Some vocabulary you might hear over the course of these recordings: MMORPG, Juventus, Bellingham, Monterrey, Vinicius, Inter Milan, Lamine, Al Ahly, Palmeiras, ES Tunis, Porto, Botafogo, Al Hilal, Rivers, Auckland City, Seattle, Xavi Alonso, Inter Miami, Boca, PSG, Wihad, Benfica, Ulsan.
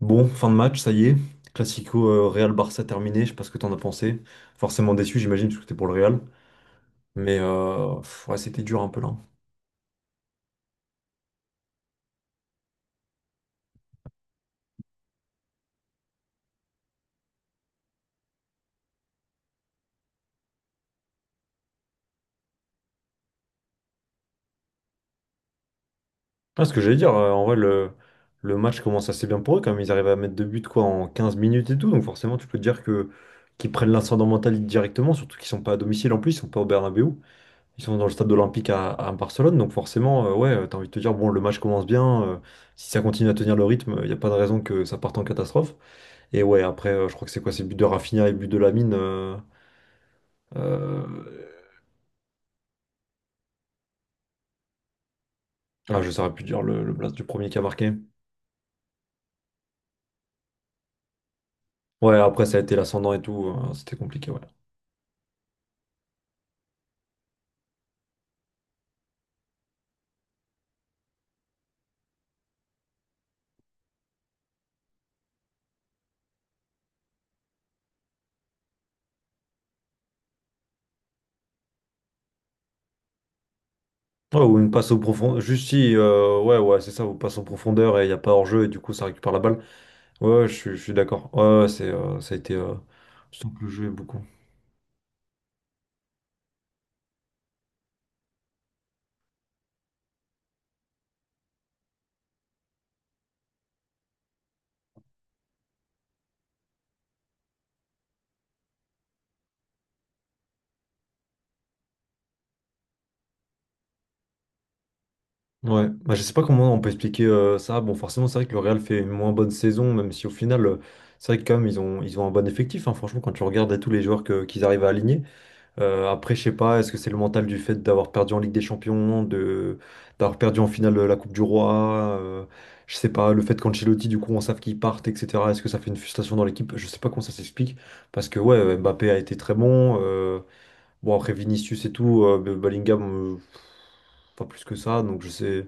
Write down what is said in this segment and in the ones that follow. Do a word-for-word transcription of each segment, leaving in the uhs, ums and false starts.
Bon, fin de match, ça y est. Classico euh, Real Barça terminé, je sais pas ce que t'en as pensé. Forcément déçu, j'imagine, parce que t'es pour le Real. Mais euh, pff, ouais, c'était dur un peu là. Ah, ce que j'allais dire, euh, en vrai, le, le match commence assez bien pour eux quand même. Ils arrivent à mettre deux buts quoi en quinze minutes et tout. Donc forcément, tu peux te dire que qu'ils prennent l'incendie mental directement, surtout qu'ils sont pas à domicile en plus, ils sont pas au Bernabéu. Ils sont dans le stade olympique à, à Barcelone. Donc forcément, euh, ouais, t'as envie de te dire, bon, le match commence bien. euh, si ça continue à tenir le rythme, il n'y a pas de raison que ça parte en catastrophe. Et ouais, après, euh, je crois que c'est quoi? C'est but de Rafinha et but de Lamine. euh, euh, Ah, je saurais plus dire le, le blast du premier qui a marqué. Ouais, après, ça a été l'ascendant et tout. euh, c'était compliqué, ouais. Ouais, ou une passe au profond. Juste si, euh, ouais, ouais, c'est ça, ou passe en profondeur et il n'y a pas hors-jeu et du coup, ça récupère la balle. Ouais, ouais, je, suis je suis d'accord. Ouais, ouais, c'est, euh, ça a été. euh, Je sens que le jeu est beaucoup. Ouais, bah, je sais pas comment on peut expliquer euh, ça. Bon, forcément, c'est vrai que le Real fait une moins bonne saison, même si au final, euh, c'est vrai que quand même, ils ont, ils ont un bon effectif. Hein. Franchement, quand tu regardes à tous les joueurs que- qu'ils arrivent à aligner. Euh, après, je sais pas, est-ce que c'est le mental du fait d'avoir perdu en Ligue des Champions, de d'avoir perdu en finale la Coupe du Roi, euh, je sais pas, le fait qu'Ancelotti, du coup, on savent qu'il parte, et cetera. Est-ce que ça fait une frustration dans l'équipe? Je sais pas comment ça s'explique, parce que ouais, Mbappé a été très bon. euh, bon, après Vinicius et tout, euh, Bellingham, euh, pas plus que ça, donc je sais.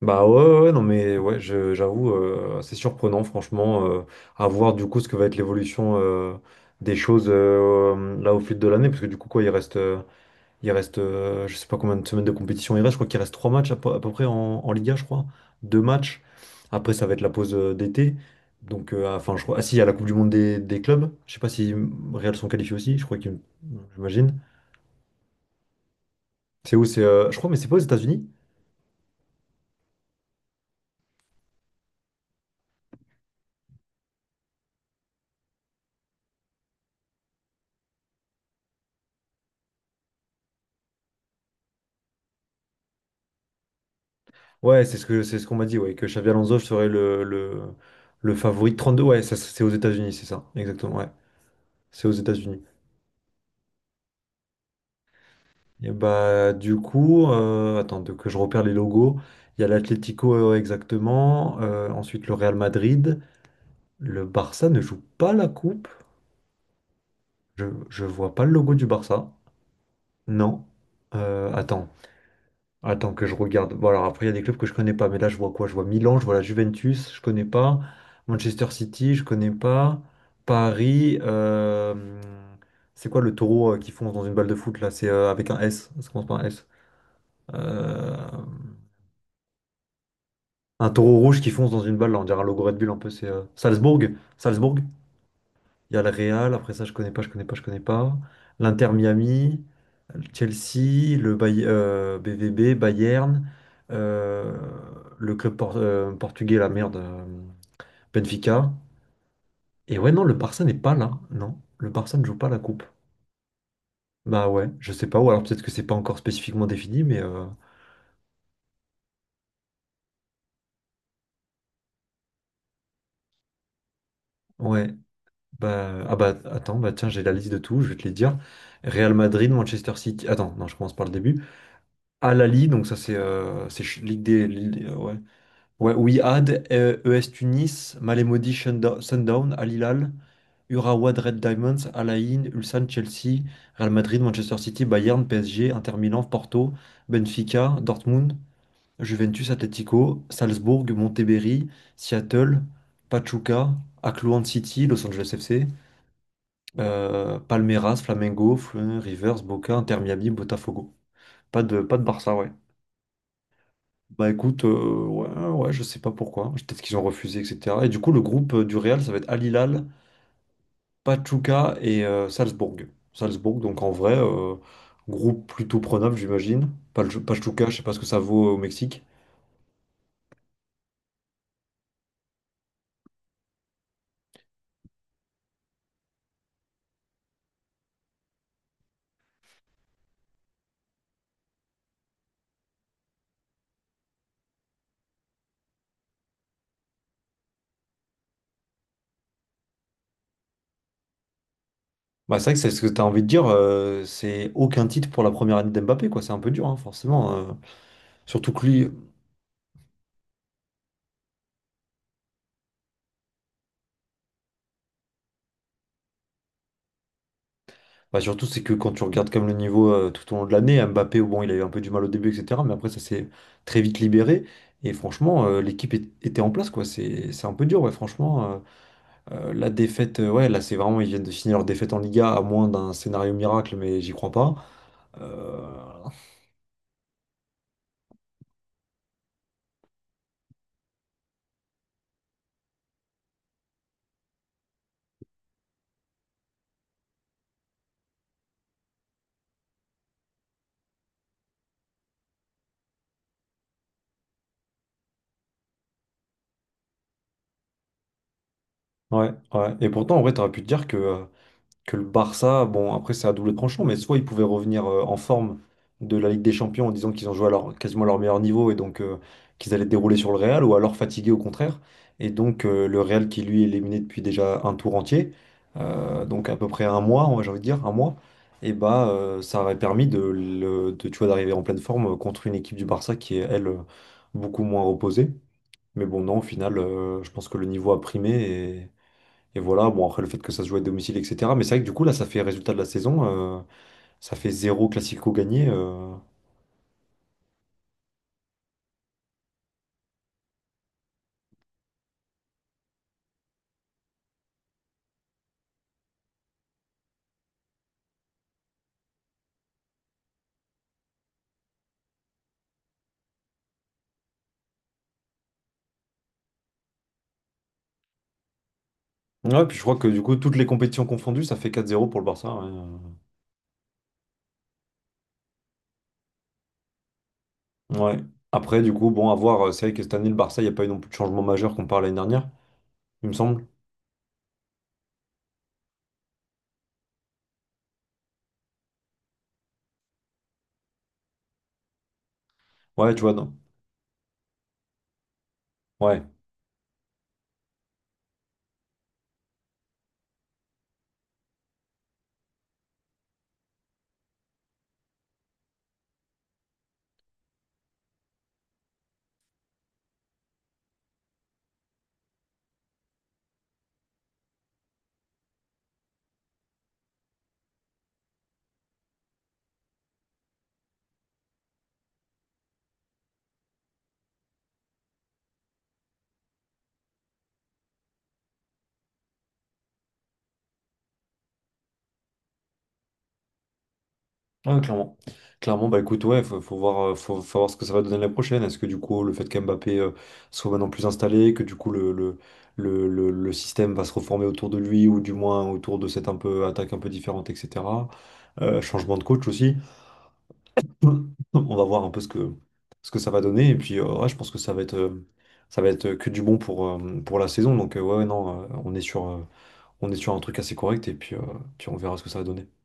Bah ouais, ouais, ouais, non mais ouais, je- j'avoue, euh, c'est surprenant, franchement, euh, à voir du coup ce que va être l'évolution euh, des choses euh, là au fil de l'année, parce que du coup, quoi, il reste. euh, Il reste, euh, je sais pas combien de semaines de compétition il reste. Je crois qu'il reste trois matchs à peu, à peu près en, en Liga, je crois. Deux matchs. Après, ça va être la pause euh, d'été. Donc, euh, ah, enfin, je crois. Ah si, il y a la Coupe du Monde des, des clubs. Je sais pas si Real sont qualifiés aussi. Je crois qu'ils, j'imagine. C'est où? C'est, euh, je crois, mais c'est pas aux États-Unis? Ouais, c'est ce que c'est ce qu'on m'a dit. Ouais, que Xavi Alonso serait le, le, le favori de trente-deux. Ouais, ça, c'est aux États-Unis, c'est ça. Exactement. Ouais, c'est aux États-Unis. Et bah, du coup, euh, attends de- que je repère les logos. Il y a l'Atlético euh, exactement, euh, ensuite le Real Madrid. Le Barça ne joue pas la coupe. Je, je vois pas le logo du Barça. Non. Euh, attends, attends que je regarde. Bon, alors après, il y a des clubs que je connais pas, mais là, je vois quoi? Je vois Milan, je vois la Juventus, je connais pas. Manchester City, je connais pas. Paris, euh, c'est quoi le taureau euh, qui fonce dans une balle de foot là? C'est euh, avec un S, ça commence par un S. Euh, Un taureau rouge qui fonce dans une balle, là, on dirait un logo Red Bull un peu, c'est euh, Salzbourg. Salzbourg, il y a le Real, après ça je connais pas, je connais pas, je connais pas. L'Inter Miami, le Chelsea, le Bay- euh, B V B, Bayern, euh, le club por- euh, portugais, la merde, euh, Benfica. Et ouais, non, le Barça n'est pas là, non. Le Barça ne joue pas la coupe. Bah ouais, je sais pas, ou alors peut-être que c'est pas encore spécifiquement défini, mais euh, ouais. Bah, ah bah attends, bah tiens, j'ai la liste de tout, je vais te les dire. Real Madrid, Manchester City. Attends, non, je commence par le début. Al Ahly, donc ça c'est euh, c'est ch- Ligue des. Ligue ouais. Ouais, Wihad, euh, E S Tunis, Malemodi Shunda- Sundown, Al Hilal, Urawa Red Diamonds, Al Ain, Ulsan, Chelsea, Real Madrid, Manchester City, Bayern, P S G, Inter Milan, Porto, Benfica, Dortmund, Juventus, Atlético, Salzbourg, Monterrey, Seattle, Pachuca, Auckland City, Los Angeles F C. Euh, Palmeiras, Flamengo, Fluminense, Rivers, Boca, Inter Miami, Botafogo. Pas de, pas de Barça, ouais. Bah écoute, euh, ouais, ouais, je sais pas pourquoi. Peut-être qu'ils ont refusé, et cetera. Et du coup, le groupe euh, du Real, ça va être Al Hilal, Pachuca et euh, Salzbourg. Salzbourg, donc en vrai, euh, groupe plutôt prenable, j'imagine. Pal- Pachuca, je sais pas ce que ça vaut euh, au Mexique. Bah c'est vrai que c'est ce que t'as envie de dire, euh, c'est aucun titre pour la première année d'Mbappé, quoi. C'est un peu dur, hein, forcément. euh. Surtout que lui, bah, surtout, c'est que quand tu regardes comme le niveau euh, tout au long de l'année, Mbappé, bon, il a eu un peu du mal au début, et cetera. Mais après, ça s'est très vite libéré. Et franchement, euh, l'équipe est- était en place, quoi. C'est c'est un peu dur, ouais, franchement. euh, euh, la défaite, euh, ouais, là, c'est vraiment, ils viennent de finir leur défaite en Liga, à moins d'un scénario miracle, mais j'y crois pas. Euh, Ouais, ouais. Et pourtant, en vrai, t'aurais pu te dire que euh, que le Barça, bon, après c'est à double tranchant, mais soit ils pouvaient revenir euh, en forme de la Ligue des Champions en disant qu'ils ont joué à leur, quasiment à leur meilleur niveau et donc euh, qu'ils allaient dérouler sur le Real, ou alors fatigués au contraire. Et donc euh, le Real qui lui est éliminé depuis déjà un tour entier, euh, donc à peu près un mois, ouais, j'ai envie de dire, un mois, et bah euh, ça aurait permis de, le- de, tu vois, d'arriver en pleine forme euh, contre une équipe du Barça qui est, elle, euh, beaucoup moins reposée. Mais bon, non, au final, euh, je pense que le niveau a primé et voilà, bon, après le fait que ça se joue à domicile, et cetera. Mais c'est vrai que du coup, là, ça fait résultat de la saison, euh, ça fait zéro classico gagné. euh. Ouais, puis je crois que du coup, toutes les compétitions confondues, ça fait quatre zéro pour le Barça. Ouais. euh. Ouais. Après, du coup, bon, à voir, euh, c'est vrai que cette année, le Barça, il n'y a pas eu non plus de changement majeur comparé à l'année dernière, il me semble. Ouais, tu vois, non. Ouais. Ouais, clairement. Clairement, bah écoute, ouais, faut, faut voir, euh, faut, faut voir ce que ça va donner la prochaine. Est-ce que du coup, le fait qu'Mbappé euh, soit maintenant plus installé, que du coup, le, le, le, le, le système va se reformer autour de lui, ou du moins autour de cette un peu, attaque un peu différente, et cetera. Euh, changement de coach aussi. On va voir un peu ce que, ce que ça va donner. Et puis, euh, ouais, je pense que ça va être, euh, ça va être que du bon pour, euh, pour la saison. Donc, euh, ouais, ouais, non, euh, on est sur, euh, on est sur un truc assez correct. Et puis, euh, puis on verra ce que ça va donner.